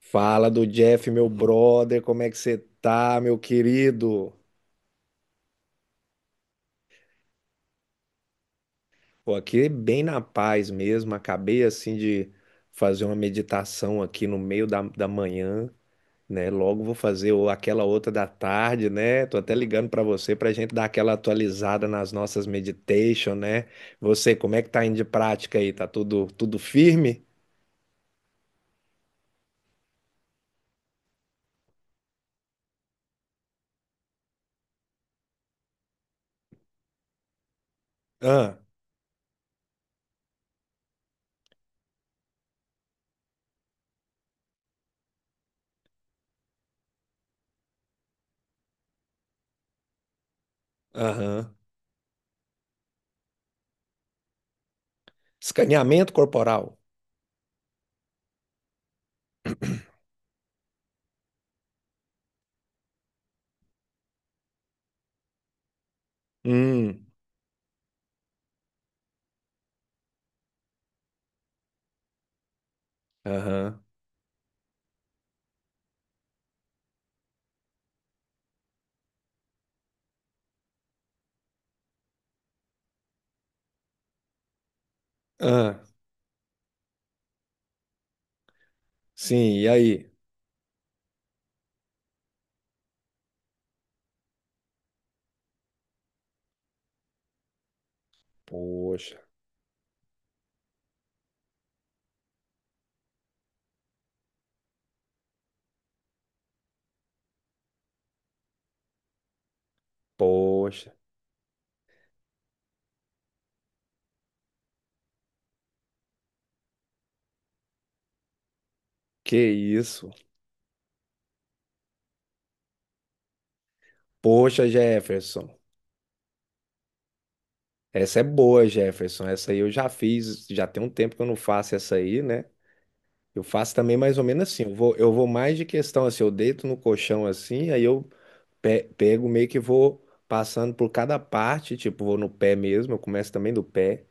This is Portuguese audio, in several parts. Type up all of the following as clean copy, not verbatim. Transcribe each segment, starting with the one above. Fala do Jeff, meu brother, como é que você tá, meu querido? Pô, aqui bem na paz mesmo, acabei assim de fazer uma meditação aqui no meio da manhã, né? Logo vou fazer aquela outra da tarde, né? Tô até ligando pra você pra gente dar aquela atualizada nas nossas meditation, né? Você, como é que tá indo de prática aí? Tá tudo firme? Ah, aham. Escaneamento corporal? Hum, aham. Ah, sim, e aí? Poxa. Poxa, que isso. Poxa, Jefferson. Essa é boa, Jefferson. Essa aí eu já fiz, já tem um tempo que eu não faço essa aí, né? Eu faço também mais ou menos assim. Eu vou mais de questão assim, eu deito no colchão assim, aí eu pego meio que vou passando por cada parte, tipo, vou no pé mesmo, eu começo também do pé.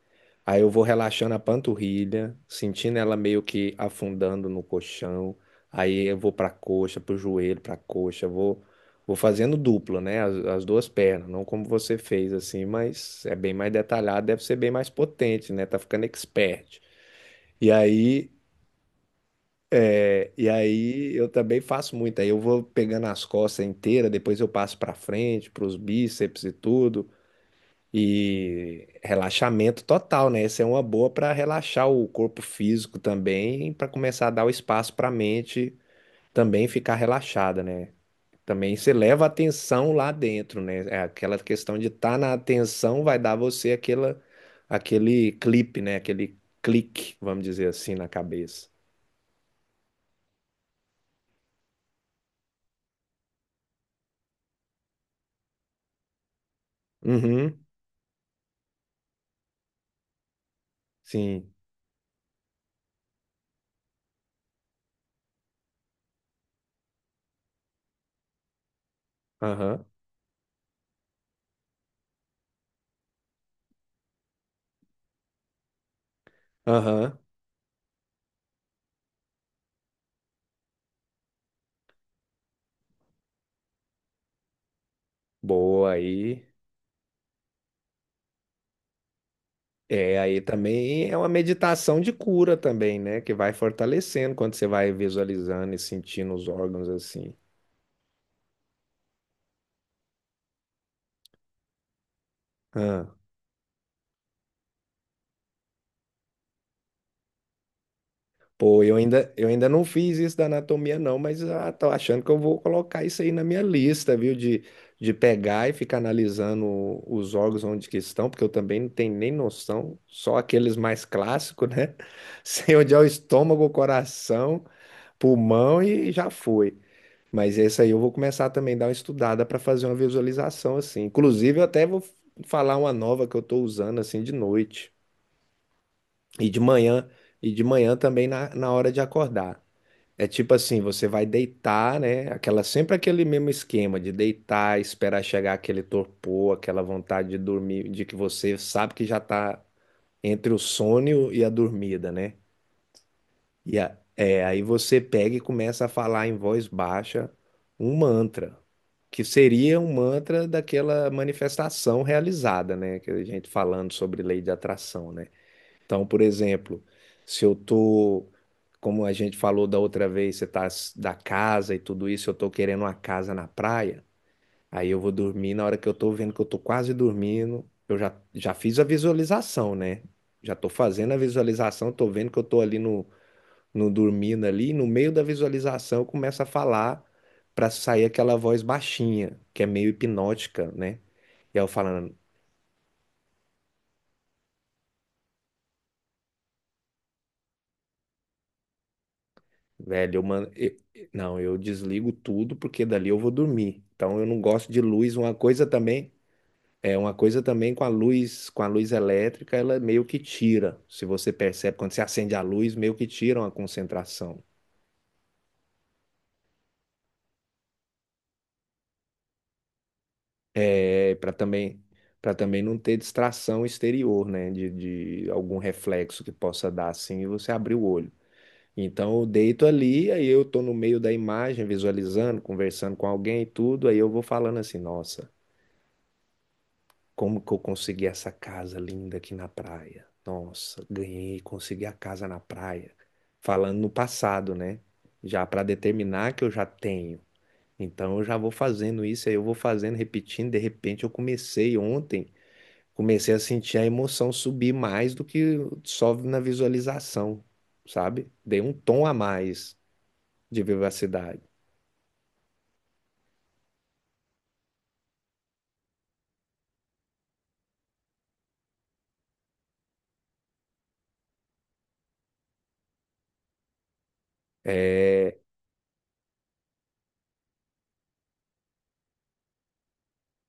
Aí eu vou relaxando a panturrilha, sentindo ela meio que afundando no colchão. Aí eu vou pra coxa, pro joelho, pra coxa, vou fazendo duplo, né? As duas pernas, não como você fez assim, mas é bem mais detalhado, deve ser bem mais potente, né? Tá ficando expert. E aí é. E aí eu também faço muito. Aí eu vou pegando as costas inteiras, depois eu passo pra frente, pros bíceps e tudo. E relaxamento total, né? Essa é uma boa pra relaxar o corpo físico também, pra começar a dar o espaço pra mente também ficar relaxada, né? Também você leva a atenção lá dentro, né? É aquela questão de estar na atenção vai dar você aquela, aquele clipe, né? Aquele clique, vamos dizer assim, na cabeça. Uhum, sim. Aham. Aham, boa aí. É, aí também é uma meditação de cura também, né? Que vai fortalecendo quando você vai visualizando e sentindo os órgãos assim. Ah, pô, eu ainda não fiz isso da anatomia não, mas ah, tô achando que eu vou colocar isso aí na minha lista, viu? De pegar e ficar analisando os órgãos onde que estão, porque eu também não tenho nem noção, só aqueles mais clássicos, né? Sei onde é o estômago, o coração, pulmão e já foi. Mas esse aí eu vou começar também a dar uma estudada para fazer uma visualização assim. Inclusive, eu até vou falar uma nova que eu estou usando assim de noite e de manhã e de manhã também na hora de acordar. É tipo assim, você vai deitar, né? Aquela sempre aquele mesmo esquema de deitar, esperar chegar aquele torpor, aquela vontade de dormir, de que você sabe que já está entre o sono e a dormida, né? Aí você pega e começa a falar em voz baixa um mantra, que seria um mantra daquela manifestação realizada, né? Que a gente falando sobre lei de atração, né? Então, por exemplo, se eu tô, como a gente falou da outra vez, da casa e tudo isso, eu tô querendo uma casa na praia, aí eu vou dormir, na hora que eu tô vendo que eu tô quase dormindo, eu já fiz a visualização, né? Já tô fazendo a visualização, tô vendo que eu tô ali no dormindo ali, no meio da visualização começa a falar para sair aquela voz baixinha, que é meio hipnótica, né? E aí eu falando, velho, eu, man... eu- não, eu desligo tudo porque dali eu vou dormir. Então eu não gosto de luz, uma coisa também, é uma coisa também com a luz elétrica, ela meio que tira. Se você percebe quando você acende a luz, meio que tira uma concentração. É para também Para também não ter distração exterior, né? De algum reflexo que possa dar assim e você abrir o olho. Então eu deito ali, aí eu tô no meio da imagem, visualizando, conversando com alguém e tudo, aí eu vou falando assim, nossa, como que eu consegui essa casa linda aqui na praia? Nossa, ganhei, consegui a casa na praia. Falando no passado, né? Já para determinar que eu já tenho. Então eu já vou fazendo isso, aí eu vou fazendo, repetindo, de repente eu comecei ontem, comecei a sentir a emoção subir mais do que só na visualização, sabe? Dei um tom a mais de vivacidade. É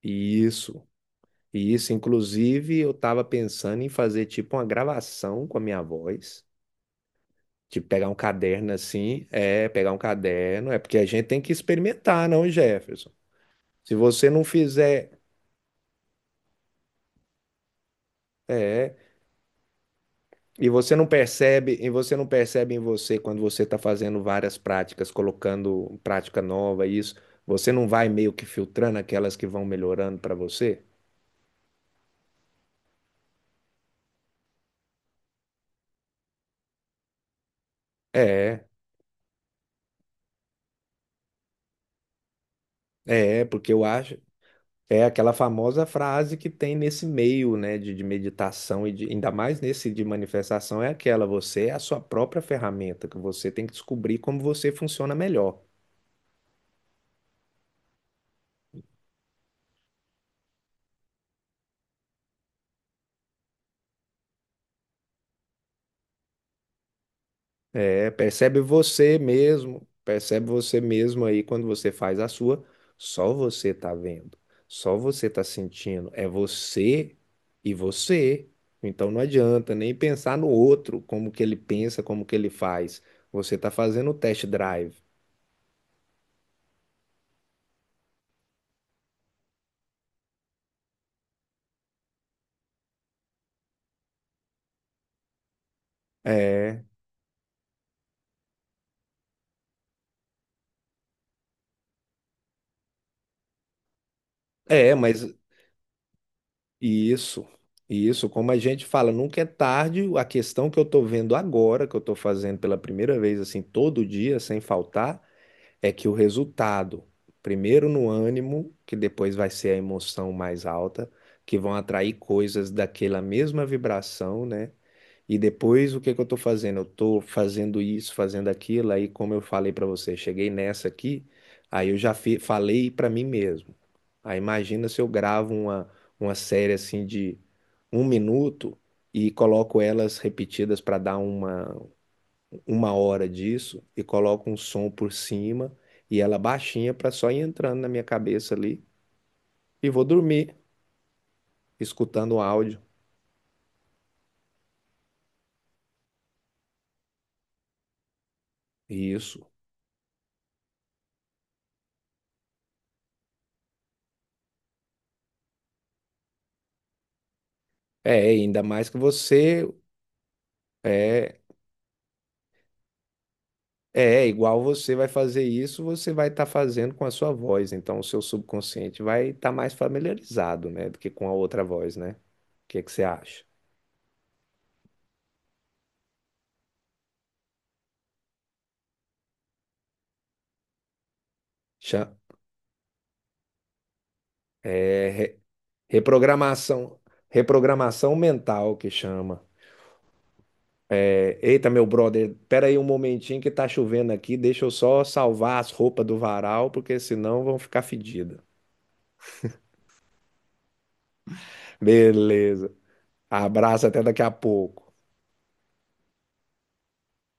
isso. E isso, inclusive, eu estava pensando em fazer tipo uma gravação com a minha voz. Tipo, pegar um caderno, é porque a gente tem que experimentar, não, Jefferson? Se você não fizer, é, e você não percebe em você quando você está fazendo várias práticas, colocando prática nova, isso, você não vai meio que filtrando aquelas que vão melhorando para você? É, porque eu acho. É aquela famosa frase que tem nesse meio, né, de meditação ainda mais nesse de manifestação, é aquela, você é a sua própria ferramenta, que você tem que descobrir como você funciona melhor. É, percebe você mesmo aí quando você faz a sua, só você tá vendo, só você tá sentindo, é você e você. Então não adianta nem pensar no outro, como que ele pensa, como que ele faz. Você tá fazendo o test drive. É. É, mas isso, isso, como a gente fala, nunca é tarde. A questão que eu estou vendo agora, que eu estou fazendo pela primeira vez, assim, todo dia, sem faltar, é que o resultado, primeiro no ânimo, que depois vai ser a emoção mais alta, que vão atrair coisas daquela mesma vibração, né? E depois o que que eu estou fazendo? Eu estou fazendo isso, fazendo aquilo, aí como eu falei para você, cheguei nessa aqui, aí eu já falei para mim mesmo. Aí imagina se eu gravo uma série assim de um minuto e coloco elas repetidas para dar uma hora disso e coloco um som por cima e ela baixinha para só ir entrando na minha cabeça ali e vou dormir escutando o áudio. Isso. É, ainda mais que você é é igual, você vai fazer isso, você vai estar fazendo com a sua voz, então o seu subconsciente vai estar mais familiarizado, né, do que com a outra voz, né? O que que você acha? Cha- é, re- reprogramação, reprogramação mental que chama. É, eita, meu brother, pera aí um momentinho que tá chovendo aqui, deixa eu só salvar as roupas do varal, porque senão vão ficar fedidas. Beleza. Abraço, até daqui a pouco.